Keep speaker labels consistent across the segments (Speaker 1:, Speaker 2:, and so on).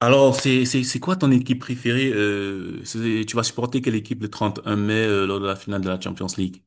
Speaker 1: Alors, c'est quoi ton équipe préférée? Tu vas supporter quelle équipe le 31 mai lors de la finale de la Champions League?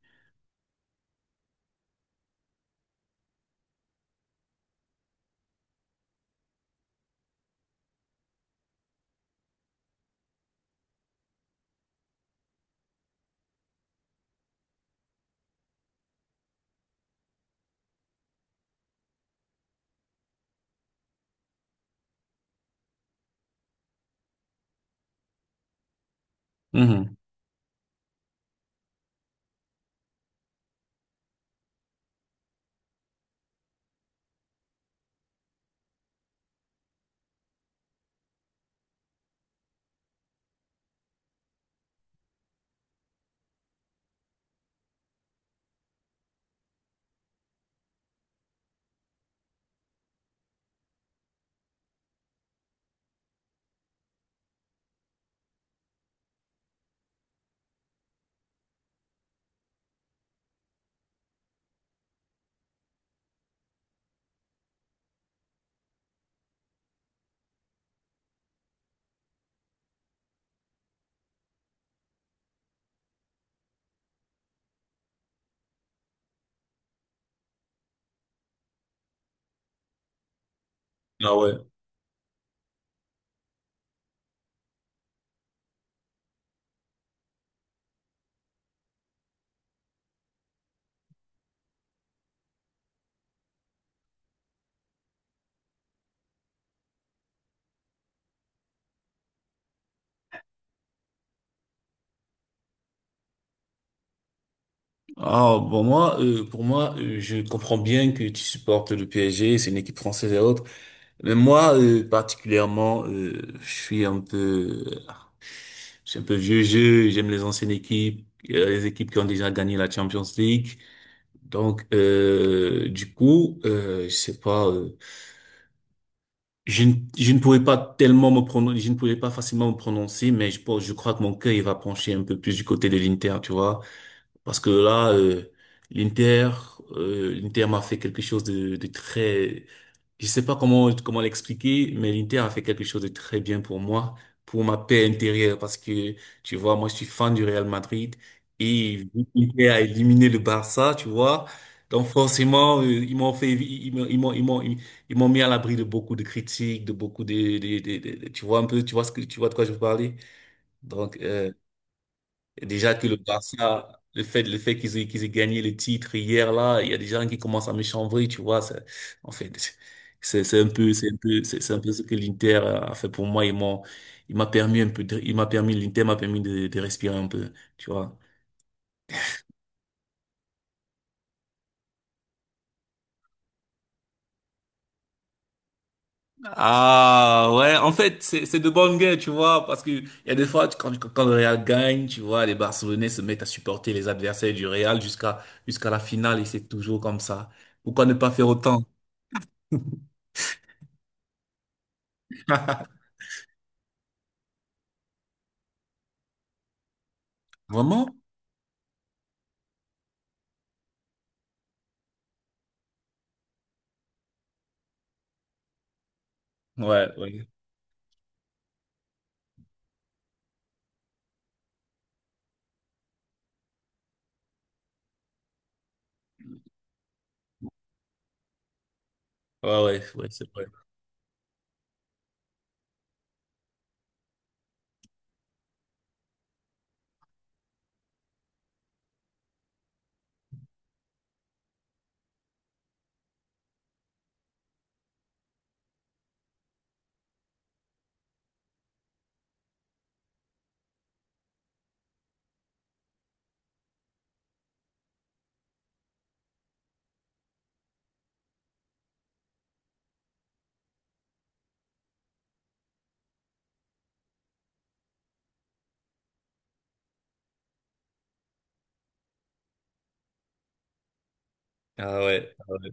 Speaker 1: Mhm. Ah ouais. Ah bon, moi, pour moi, je comprends bien que tu supportes le PSG, c'est une équipe française et autres. Mais moi, particulièrement, je suis un peu vieux jeu, j'aime les anciennes équipes, les équipes qui ont déjà gagné la Champions League. Donc, du coup, je sais pas Je, ne- je ne pouvais pas tellement me prononcer, je ne pouvais pas facilement me prononcer, mais je crois que mon cœur, il va pencher un peu plus du côté de l'Inter, tu vois. Parce que là, l'Inter, l'Inter m'a fait quelque chose de très, je sais pas comment l'expliquer, mais l'Inter a fait quelque chose de très bien pour moi, pour ma paix intérieure, parce que tu vois, moi je suis fan du Real Madrid et vu que l'Inter a éliminé le Barça, tu vois, donc forcément, ils m'ont mis à l'abri de beaucoup de critiques, de beaucoup tu vois un peu, tu vois ce que tu vois de quoi je veux parler, donc. Déjà que le Barça, le fait qu'ils aient gagné le titre hier, là, il y a des gens qui commencent à me chambrer, tu vois. En fait, c'est un peu, c'est un peu, c'est un peu ce que l'Inter a fait pour moi. l'Inter m'a permis de respirer un peu, tu vois. Ah ouais, en fait, c'est de bonnes guerres, tu vois, parce que il y a des fois, quand le Real gagne, tu vois, les Barcelonais se mettent à supporter les adversaires du Real jusqu'à la finale, et c'est toujours comme ça. Pourquoi ne pas faire autant? Vraiment? Ouais, ouais, ouais, ouais, ouais, c'est vrai. Ah ouais, ah ouais.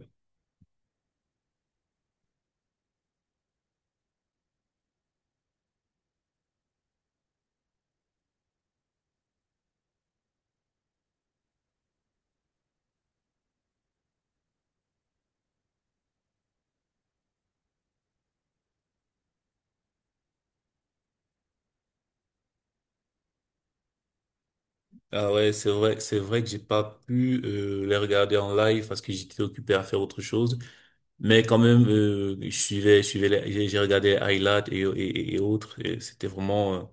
Speaker 1: Ah ouais, c'est vrai que j'ai pas pu les regarder en live parce que j'étais occupé à faire autre chose. Mais quand même, j'ai regardé les highlights et autres. Et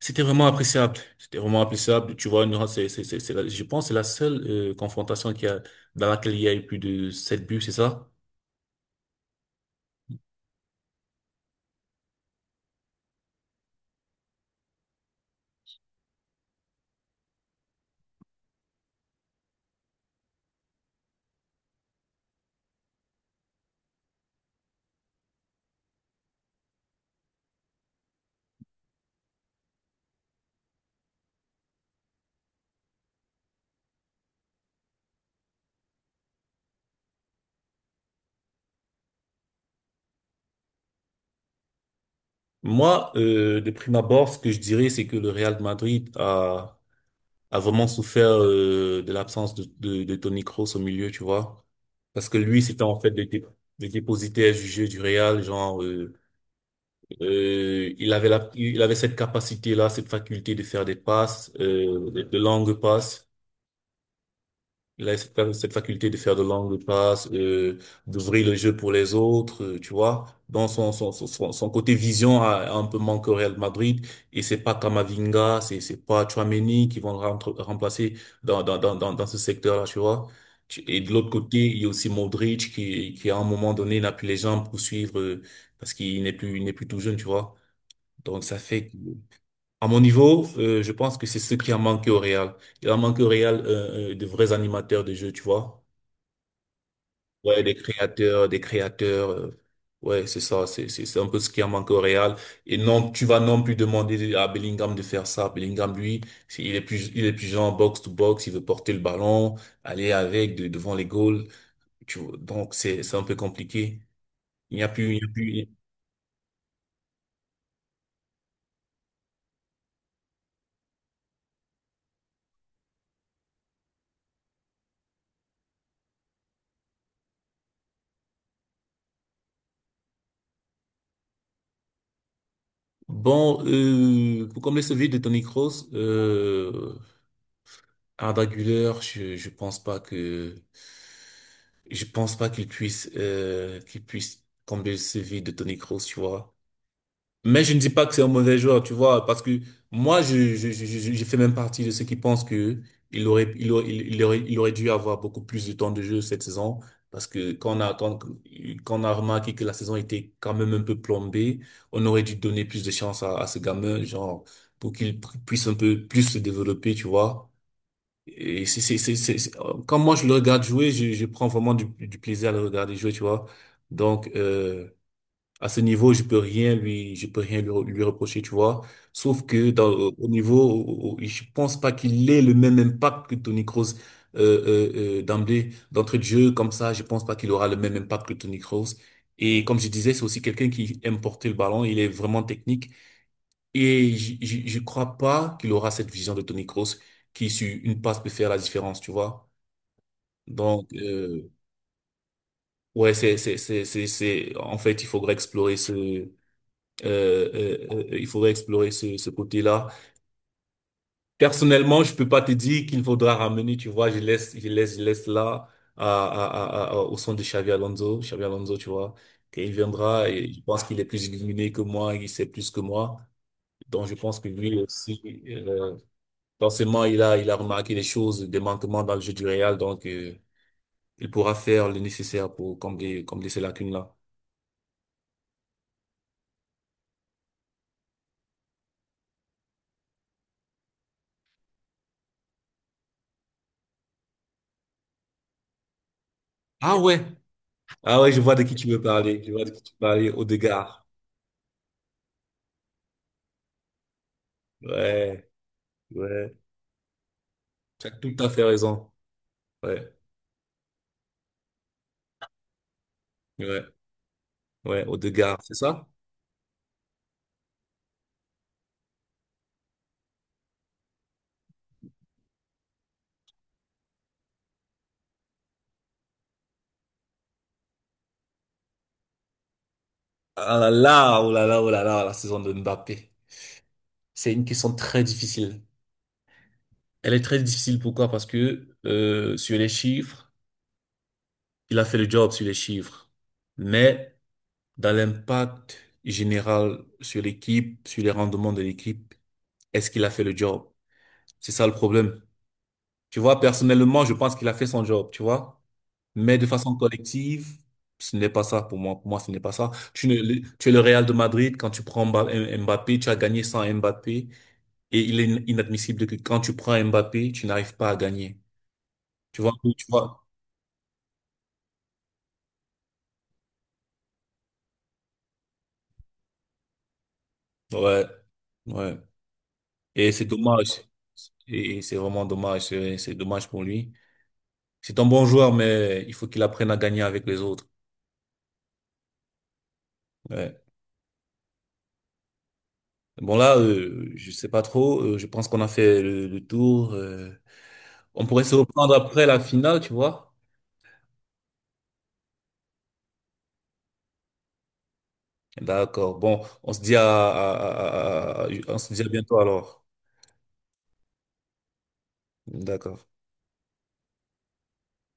Speaker 1: c'était vraiment appréciable. C'était vraiment appréciable. Tu vois, nous, je pense que c'est la seule confrontation qui a, dans laquelle il y a eu plus de 7 buts, c'est ça? Moi, de prime abord, ce que je dirais, c'est que le Real de Madrid a vraiment souffert de l'absence de Toni Kroos au milieu, tu vois. Parce que lui, c'était en fait le dépositaire du jeu du Real, genre, il avait cette capacité-là, cette faculté de faire des passes, de longues passes. Il a cette faculté de faire de longues passes, d'ouvrir le jeu pour les autres, tu vois. Dans son côté vision a un peu manqué au Real Madrid. Et c'est pas Camavinga, c'est pas Tchouaméni qui vont remplacer dans ce secteur-là, tu vois. Et de l'autre côté, il y a aussi Modric qui à un moment donné n'a plus les jambes pour suivre, parce qu'il n'est plus tout jeune, tu vois. Donc ça fait que à mon niveau, je pense que c'est ce qui a manqué au Real. Il a manqué au Real de vrais animateurs de jeu, tu vois. Ouais, des créateurs, des créateurs. Ouais, c'est ça, c'est un peu ce qui a manqué au Real. Et non, tu vas non plus demander à Bellingham de faire ça. Bellingham, lui, il est plus genre box to box. Il veut porter le ballon, aller devant les goals. Tu vois, donc c'est un peu compliqué. Il n'y a plus. Bon, pour combler ce vide de Toni Kroos, Arda Güler, je pense pas qu'il puisse, combler le CV de Toni Kroos, tu vois. Mais je ne dis pas que c'est un mauvais joueur, tu vois, parce que moi, je fais même partie de ceux qui pensent que il aurait dû avoir beaucoup plus de temps de jeu cette saison, parce que quand, on a remarqué que la saison était quand même un peu plombée, on aurait dû donner plus de chance à ce gamin, genre, pour puisse un peu plus se développer, tu vois. Quand moi je le regarde jouer, je prends vraiment du plaisir à le regarder jouer, tu vois. Donc, à ce niveau, je peux rien lui reprocher, tu vois. Sauf que dans, au niveau, au- au- je pense pas qu'il ait le même impact que Tony Kroos, d'emblée, d'entrée de jeu, comme ça, je pense pas qu'il aura le même impact que Tony Kroos. Et comme je disais, c'est aussi quelqu'un qui aime porter le ballon, il est vraiment technique. Et je crois pas qu'il aura cette vision de Tony Kroos qui, sur une passe, peut faire la différence, tu vois. Donc, ouais, en fait, il faudrait explorer ce côté-là. Personnellement, je peux pas te dire qu'il faudra ramener, tu vois, je laisse là, au son de Xavi Alonso, tu vois. Qu'il viendra, et je pense qu'il est plus illuminé que moi, il sait plus que moi. Donc, je pense que lui aussi, euh, forcément, il a remarqué des choses, des manquements dans le jeu du Real, donc il pourra faire le nécessaire pour combler ces lacunes-là. Ah ouais, ah ouais, je vois de qui tu veux parler. Je vois de qui tu veux parler, Odegaard. Ouais, ouais. Tu as tout à fait raison. Ouais, ouais, ouais, Odegaard, c'est ça? Ah là là, oh là là, oh là là, la saison de Mbappé. C'est une question très difficile. Elle est très difficile, pourquoi? Parce que sur les chiffres, il a fait le job sur les chiffres. Mais dans l'impact général sur l'équipe, sur les rendements de l'équipe, est-ce qu'il a fait le job? C'est ça le problème. Tu vois, personnellement, je pense qu'il a fait son job, tu vois. Mais de façon collective, ce n'est pas ça pour moi. Pour moi, ce n'est pas ça. Tu, ne- Tu es le Real de Madrid, quand tu prends Mbappé, tu as gagné sans Mbappé. Et il est inadmissible que quand tu prends Mbappé, tu n'arrives pas à gagner. Tu vois, tu vois. Ouais, ouais. Et c'est dommage. Et c'est vraiment dommage. C'est dommage pour lui. C'est un bon joueur, mais il faut qu'il apprenne à gagner avec les autres. Ouais. Bon là, je sais pas trop. Je pense qu'on a fait le tour. On pourrait se reprendre après la finale, tu vois. D'accord. Bon, on se dit à bientôt alors. D'accord.